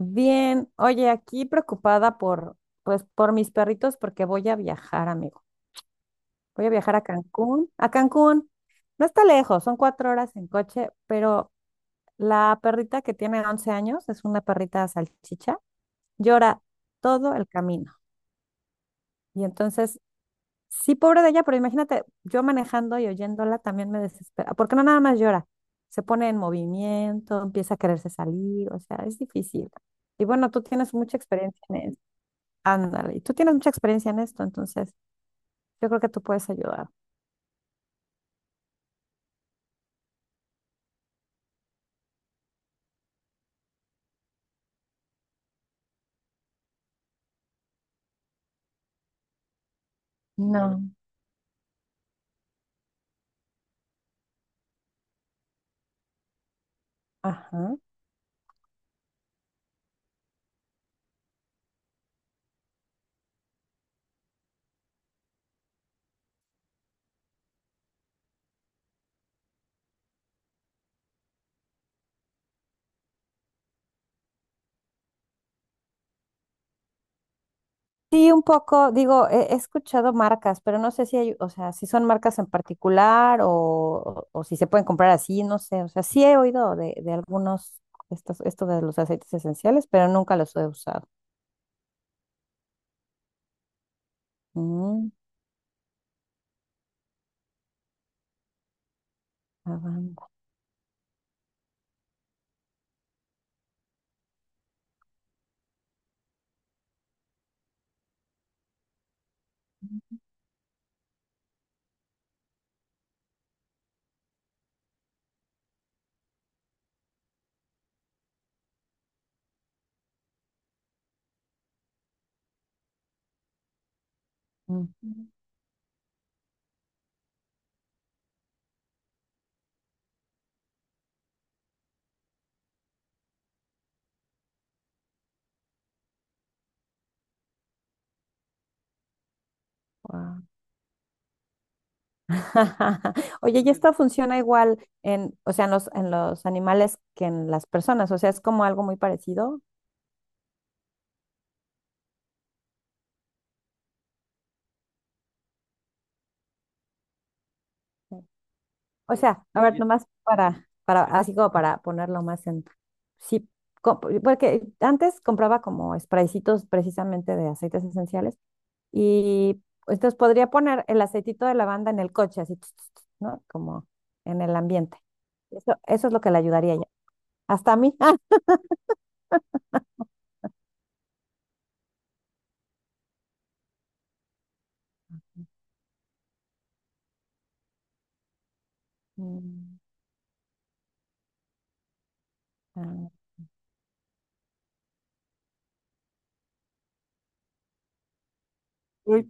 Bien, oye, aquí preocupada por mis perritos porque voy a viajar, amigo. Voy a viajar a Cancún. A Cancún. No está lejos, son 4 horas en coche, pero la perrita que tiene 11 años, es una perrita salchicha, llora todo el camino. Y entonces, sí, pobre de ella, pero imagínate, yo manejando y oyéndola también me desespera, porque no nada más llora, se pone en movimiento, empieza a quererse salir, o sea, es difícil. Y bueno, tú tienes mucha experiencia en eso. Ándale, y tú tienes mucha experiencia en esto, entonces yo creo que tú puedes ayudar. No. Ajá. Sí, un poco, digo, he escuchado marcas, pero no sé si hay, o sea, si son marcas en particular o si se pueden comprar así, no sé, o sea, sí he oído de algunos, esto de los aceites esenciales, pero nunca los he usado. Mm. Lavanda. Mm. Guau. Oye, y esto funciona igual en, o sea, en los animales que en las personas, o sea, es como algo muy parecido. O sea, a ver. Nomás para, así como para ponerlo más en, sí, porque antes compraba como spraycitos precisamente de aceites esenciales y entonces podría poner el aceitito de lavanda en el coche, así, tss, tss, tss, ¿no? Como en el ambiente. Eso es lo que le ayudaría ya. Hasta a mí. Mm. Ah. Uy.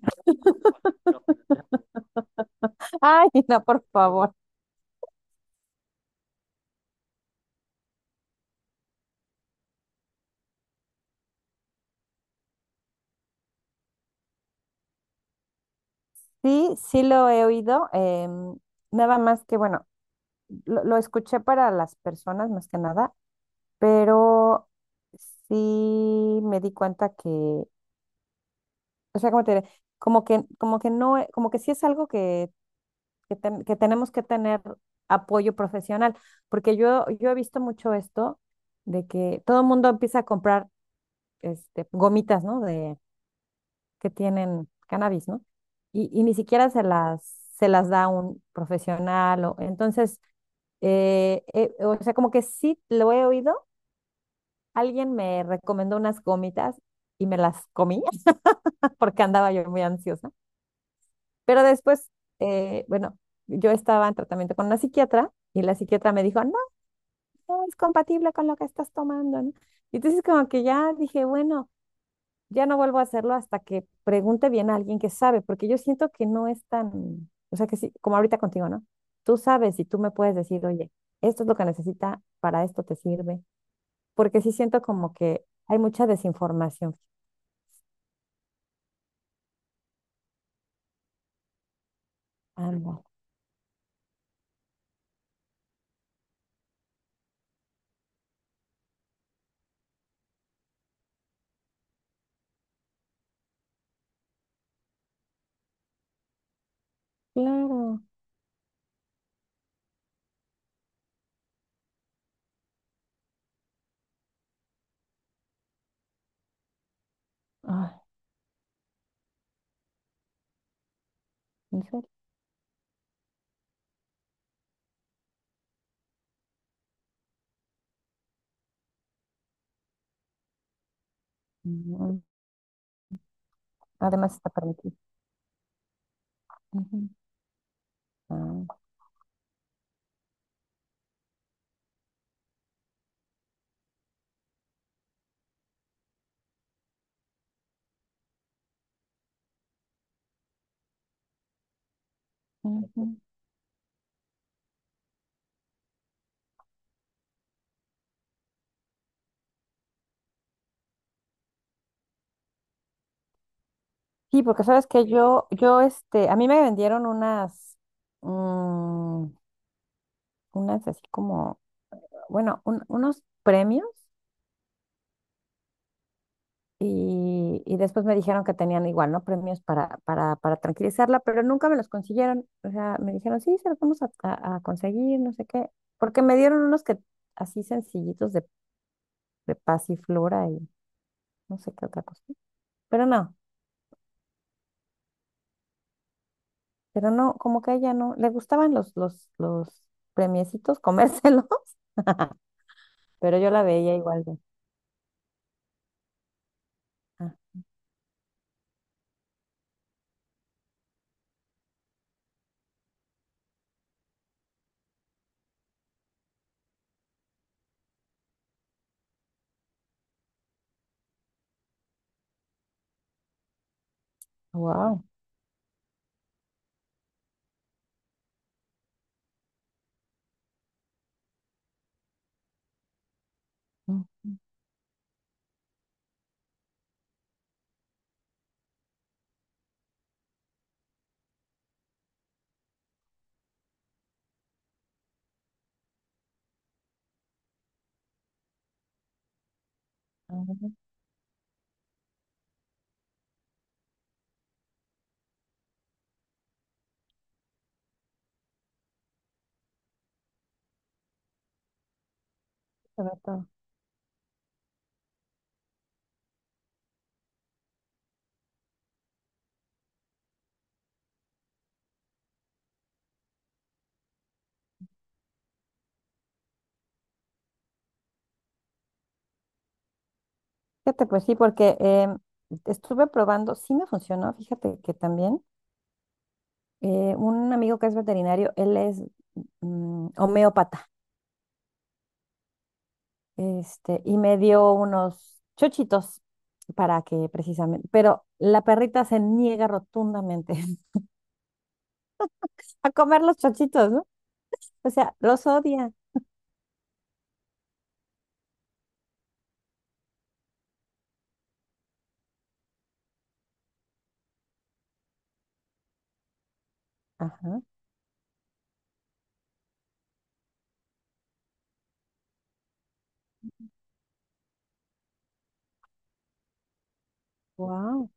Ay, no, por favor. Sí, sí lo he oído. Nada más que, bueno, lo escuché para las personas más que nada, pero sí me di cuenta que, o sea, como te diré, como que no, como que sí es algo que, que tenemos que tener apoyo profesional, porque yo he visto mucho esto de que todo el mundo empieza a comprar gomitas, ¿no? De, que tienen cannabis, ¿no? Y ni siquiera se las da un profesional, o, entonces o sea, como que sí lo he oído. Alguien me recomendó unas gomitas y me las comí porque andaba yo muy ansiosa. Pero después, bueno, yo estaba en tratamiento con una psiquiatra y la psiquiatra me dijo, no, no es compatible con lo que estás tomando, ¿no? Y entonces como que ya dije, bueno, ya no vuelvo a hacerlo hasta que pregunte bien a alguien que sabe, porque yo siento que no es tan, o sea, que sí, como ahorita contigo, ¿no? Tú sabes y tú me puedes decir, oye, esto es lo que necesita, para esto te sirve, porque sí siento como que hay mucha desinformación. Anda. Claro. Ay, ¿en serio? Mm, mm. Además está permitido. Ujú. Ah. Ujú. Sí, porque sabes que a mí me vendieron unas, mm, unas así como, bueno, unos premios y después me dijeron que tenían igual, ¿no? Premios para tranquilizarla, pero nunca me los consiguieron. O sea, me dijeron, sí, se los vamos a conseguir, no sé qué, porque me dieron unos que así sencillitos de pasiflora y no sé qué otra cosa. Pero no. Pero no, como que a ella no, le gustaban los, los premiecitos, comérselos, pero yo la veía igual de, ah. Wow. Fíjate, pues sí, porque estuve probando, sí me funcionó, fíjate que también un amigo que es veterinario, él es homeópata. Y me dio unos chochitos para que precisamente, pero la perrita se niega rotundamente a comer los chochitos, ¿no? O sea, los odia. Ajá. Wow.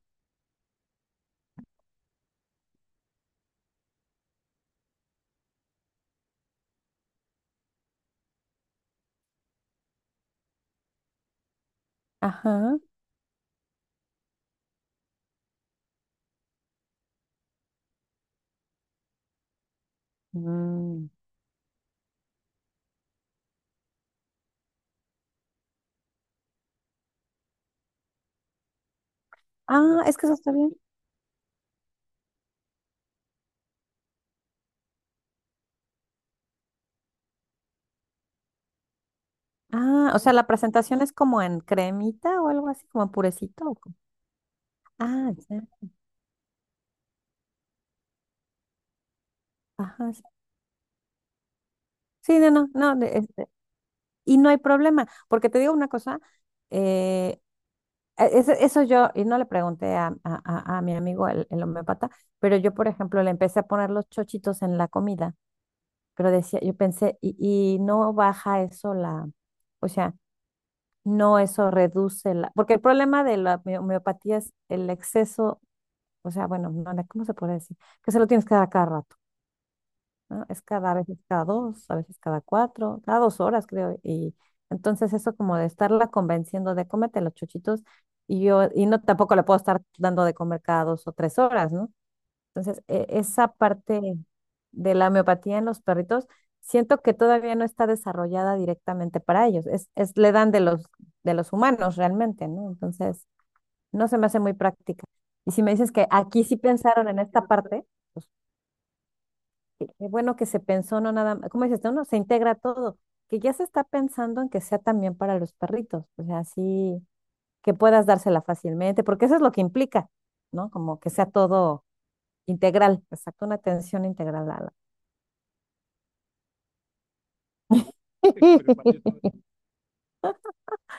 Ajá. Mm. Ah, es que eso está bien. Ah, o sea, la presentación es como en cremita o algo así, como en purecito. Ah, ya. Ajá. Sí. Sí, no, no, no. Y no hay problema, porque te digo una cosa. Eh, e- ese- eso yo, y no le pregunté a mi amigo el homeópata, pero yo, por ejemplo, le empecé a poner los chochitos en la comida, pero decía, yo pensé, y no baja eso la, o sea, no, eso reduce la, porque el problema de la homeopatía es el exceso, o sea, bueno, no, no, ¿cómo se puede decir? Que se lo tienes que dar a cada rato, ¿no? Es cada, a veces cada dos, a veces cada cuatro, cada 2 horas, creo. Y entonces eso como de estarla convenciendo de cómete los chuchitos y yo, y no tampoco le puedo estar dando de comer cada 2 o 3 horas, ¿no? Entonces, esa parte de la homeopatía en los perritos, siento que todavía no está desarrollada directamente para ellos. Es, le dan de los humanos realmente, ¿no? Entonces, no se me hace muy práctica. Y si me dices que aquí sí pensaron en esta parte, pues qué bueno que se pensó, no nada más, ¿cómo dices tú? No, se integra todo, que ya se está pensando en que sea también para los perritos, o sea, así que puedas dársela fácilmente, porque eso es lo que implica, ¿no? Como que sea todo integral, exacto, una atención integral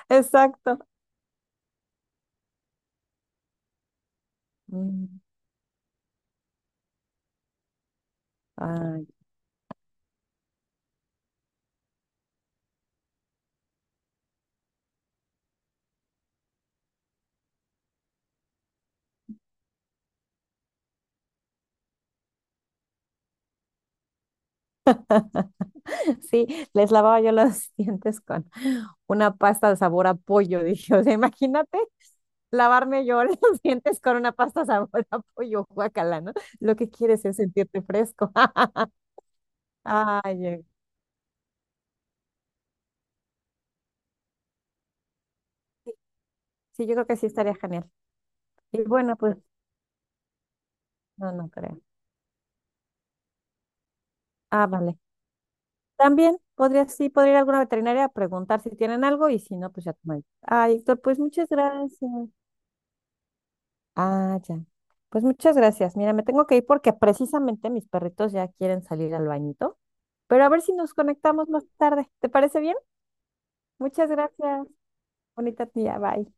Exacto. Mm. Ay, sí, les lavaba yo los dientes con una pasta de sabor a pollo, dije, o sea, imagínate lavarme yo los dientes con una pasta sabor a pollo, guacala, ¿no? Lo que quieres es sentirte fresco. Ay. Sí, yo creo que sí estaría genial. Y bueno, pues no, no creo. Ah, vale. También podría, sí, podría ir a alguna veterinaria a preguntar si tienen algo y si no, pues ya tomaré. Ay, Héctor, pues muchas gracias. Ah, ya. Pues muchas gracias. Mira, me tengo que ir porque precisamente mis perritos ya quieren salir al bañito, pero a ver si nos conectamos más tarde. ¿Te parece bien? Muchas gracias. Bonita tía. Bye.